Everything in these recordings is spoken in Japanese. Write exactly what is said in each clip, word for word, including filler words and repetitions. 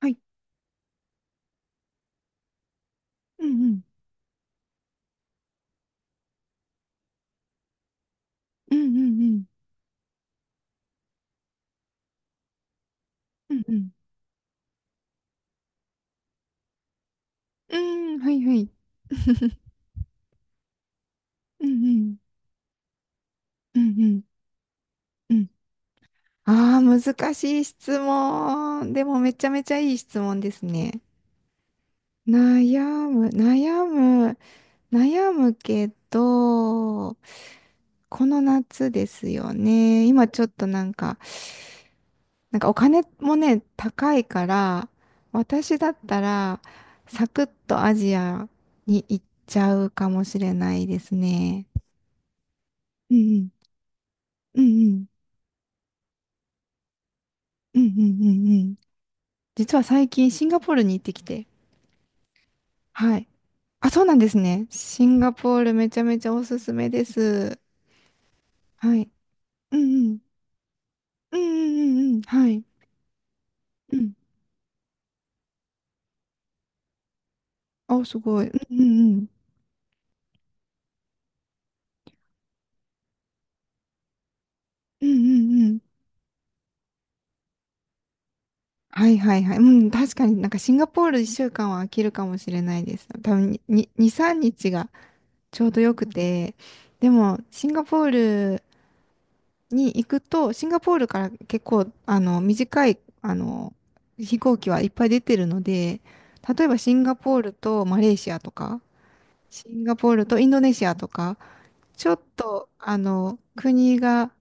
はい。うんうん。うんうんうん。うんうん。うん、はいはい。うんうん。うんうん。うん。ああ、難しい質問。でもめちゃめちゃいい質問ですね。悩む、悩む、悩むけど、この夏ですよね。今ちょっとなんか、なんかお金もね、高いから、私だったら、サクッとアジアに行っちゃうかもしれないですね。うんうん。うんうんうんうんうんうん。実は最近シンガポールに行ってきて。はい。あ、そうなんですね。シンガポールめちゃめちゃおすすめです。はい。うんうん。うんうんうんうん。はい。うん。あ、すごい。うんうんうん。うんうんうん。はいはいはい。うん、確かになんかシンガポールいっしゅうかんは飽きるかもしれないです。多分に、に、みっかがちょうどよくて。でも、シンガポールに行くと、シンガポールから結構、あの、短い、あの、飛行機はいっぱい出てるので、例えばシンガポールとマレーシアとか、シンガポールとインドネシアとか、ちょっと、あの、国が、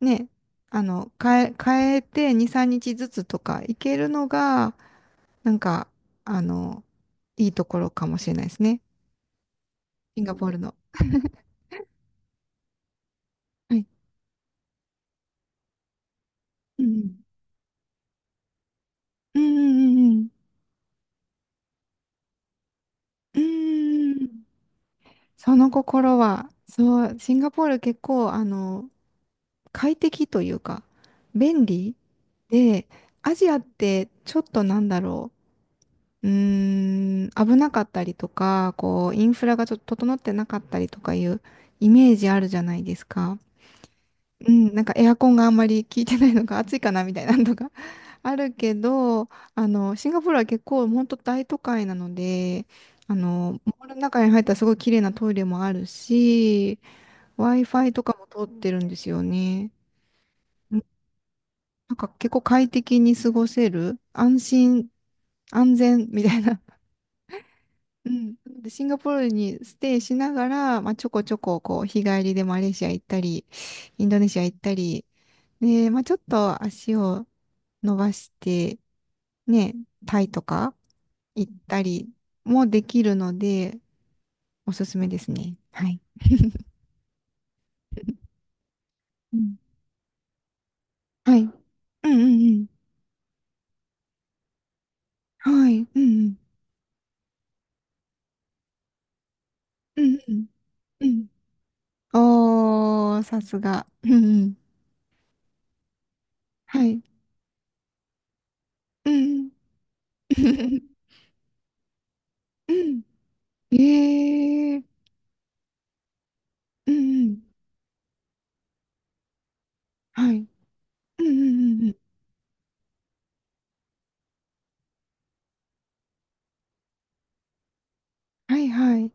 ね、あの、変え、変えてに、みっかずつとか行けるのが、なんか、あの、いいところかもしれないですね。シンガポールの。はい。うんうん。うんうんうんうん。うんうんうん。その心は、そう、シンガポール結構、あの、快適というか、便利で、アジアってちょっとなんだろう、うーん、危なかったりとか、こう、インフラがちょっと整ってなかったりとかいうイメージあるじゃないですか。うん、なんかエアコンがあんまり効いてないのか暑いかなみたいなのとか あるけど、あの、シンガポールは結構本当大都会なので、あの、モールの中に入ったらすごい綺麗なトイレもあるし、ワイファイ とかも通ってるんですよね。うん。なんか結構快適に過ごせる、安心、安全みたいな。うん。で、シンガポールにステイしながら、まあ、ちょこちょこ、こう、日帰りでマレーシア行ったり、インドネシア行ったり、で、まあ、ちょっと足を伸ばして、ね、タイとか行ったりもできるので、おすすめですね。はい。うん。はい。うんうんうん。はい。うんうん。うんうん。うん。おー、さすが。うんうん。はい。うんうん。うんうん。えー。うんうん。はい。うんうんうんうん。はいはい。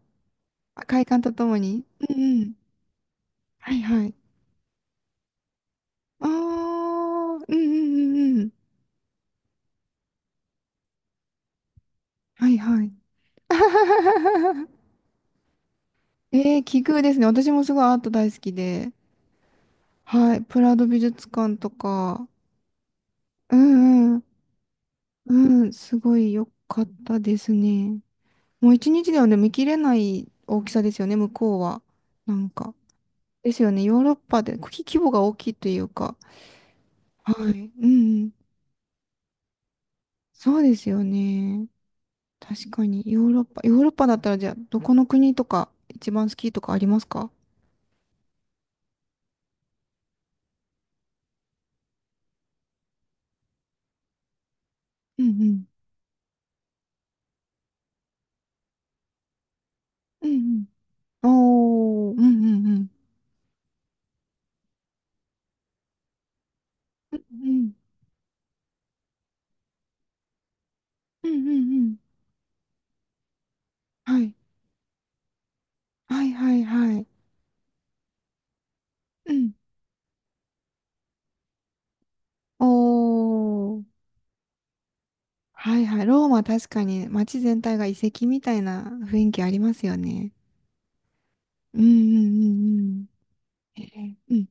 あ快感とともに。うんうん。はいはい。あー。うんうんうんうん。はいはい。えー、奇遇ですね。私もすごいアート大好きで。はい。プラド美術館とか。うんうん。うん。すごい良かったですね。もういちにちではね、見切れない大きさですよね、向こうは。なんか。ですよね、ヨーロッパで国規模が大きいというか。はい。うん。そうですよね。確かに、ヨーロッパ。ヨーロッパだったら、じゃあ、どこの国とか、一番好きとかありますか？うんうん。うんうん。おー。うんうんうん。うんうん。うんうんうん。はい。はいはいはい。うん。おー。はいはい。ローマ確かに街全体が遺跡みたいな雰囲気ありますよね。うんうんうんうん。えー、うん。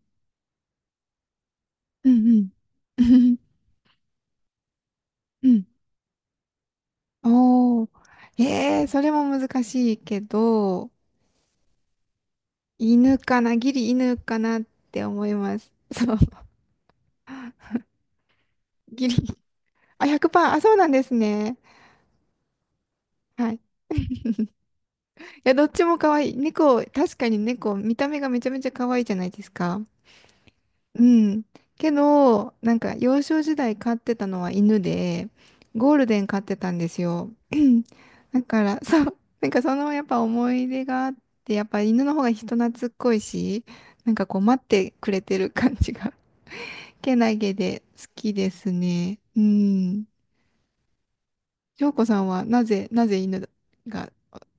うんうん。うん。おー。えー、それも難しいけど、犬かな、ギリ犬かなって思います。そう、ギリ。あ、ひゃくパーセント、あ、そうなんですね。はい。いや、どっちも可愛い。猫、確かに猫、見た目がめちゃめちゃ可愛いじゃないですか。うん。けど、なんか幼少時代飼ってたのは犬で、ゴールデン飼ってたんですよ。だから、そう、なんかそのやっぱ思い出があって、やっぱ犬の方が人懐っこいし、なんかこう待ってくれてる感じが、けなげで好きですね。うん。翔子さんはなぜ、なぜ犬が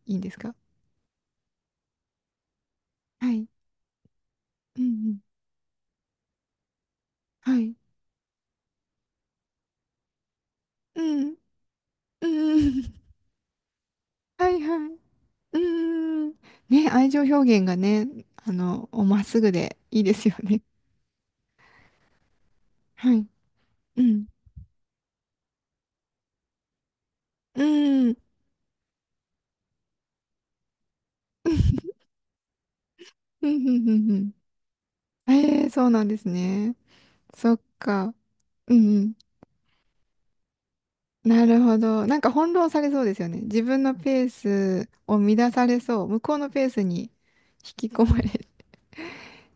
いいんですか？はい。うんうん。はい。うん。うん。はいはい。うーん。ね、愛情表現がね、あの、おまっすぐでいいですよね。はい。うん。うん。うん。うんうんうん。ええ、そうなんですね。そっか。うんうん。なるほど。なんか翻弄されそうですよね。自分のペースを乱されそう。向こうのペースに引き込まれ。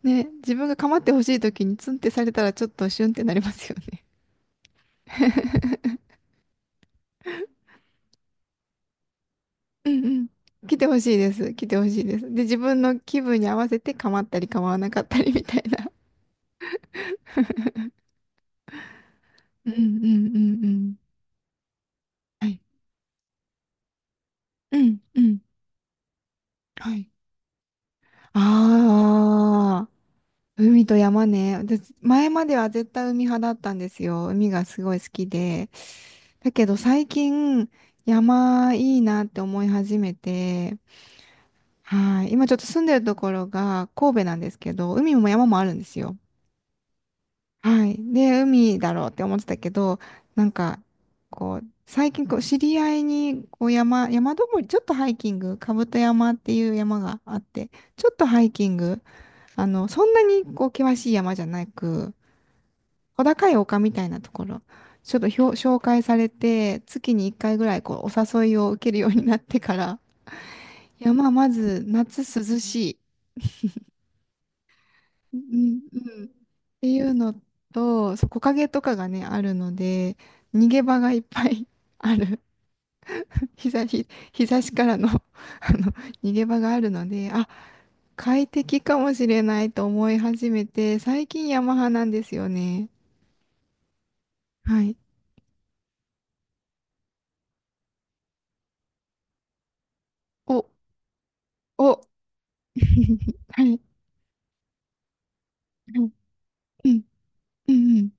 ね、自分が構ってほしい時にツンってされたらちょっとシュンってなりますよね？うんうん。来てほしいです。来てほしいです。で、自分の気分に合わせて構ったり構わなかったりみたいな。うんうんうんうん。はい。うんうん。はい。ああ、海と山ね。私前までは絶対海派だったんですよ。海がすごい好きで。だけど最近、山いいなって思い始めて、はい。今ちょっと住んでるところが神戸なんですけど、海も山もあるんですよ。はい。で、海だろうって思ってたけど、なんか、こう、最近こう、知り合いに、こう、山、山登り、ちょっとハイキング、兜山っていう山があって、ちょっとハイキング、あの、そんなに、こう、険しい山じゃなく、小高い丘みたいなところ、ちょっとひょ紹介されて、月にいっかいぐらい、こう、お誘いを受けるようになってから、山、まず、夏涼しい。うんうんっていうのと、そう木陰とかがね、あるので、逃げ場がいっぱい ある。日差し、日差しからの あの、逃げ場があるので、あ、快適かもしれないと思い始めて、最近ヤマハなんですよね。はい。お、お、はい、はい。うん、うん、うん、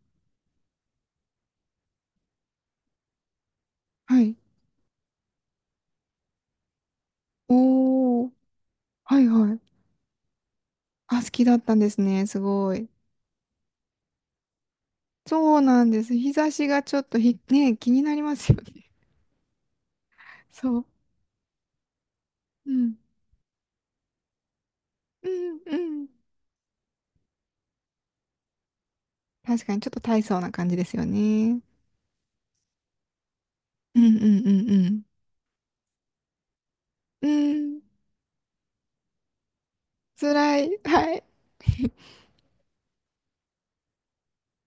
はい。おー、はい、はい。あ、好きだったんですね。すごい。そうなんです。日差しがちょっとひ、ね、気になりますよね。そう。うん。うんうん。確かにちょっと大層な感じですよね。うんうんうんうん。うん。辛い。はい。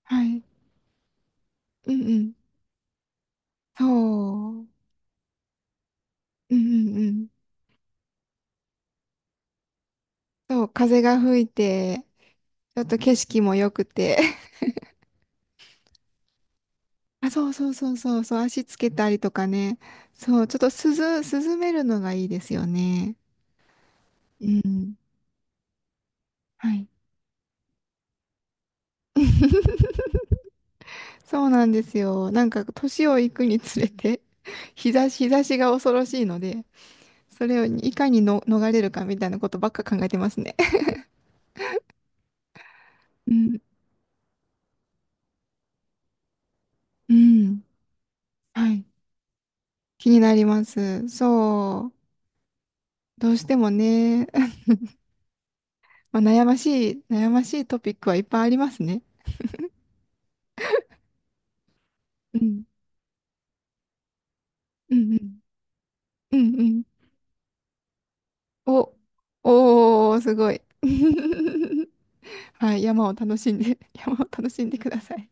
はい。うんうん。そう。うんうんうん。そう、風が吹いて、ちょっと景色も良くて。あ、そうそうそうそうそう、足つけたりとかね。そう、ちょっと涼、涼めるのがいいですよね。うん。はい。そうなんですよ。なんか年をいくにつれて 日差し、日差しが恐ろしいので、それをいかにの逃れるかみたいなことばっか考えてますね。うん、うん、はい、気になります。そう、どうしてもね、まあ、悩ましい、悩ましいトピックはいっぱいありますね。うん、うん、うん、うん、うん。お、おー、すごい。はい、山を楽しんで、山を楽しんでください。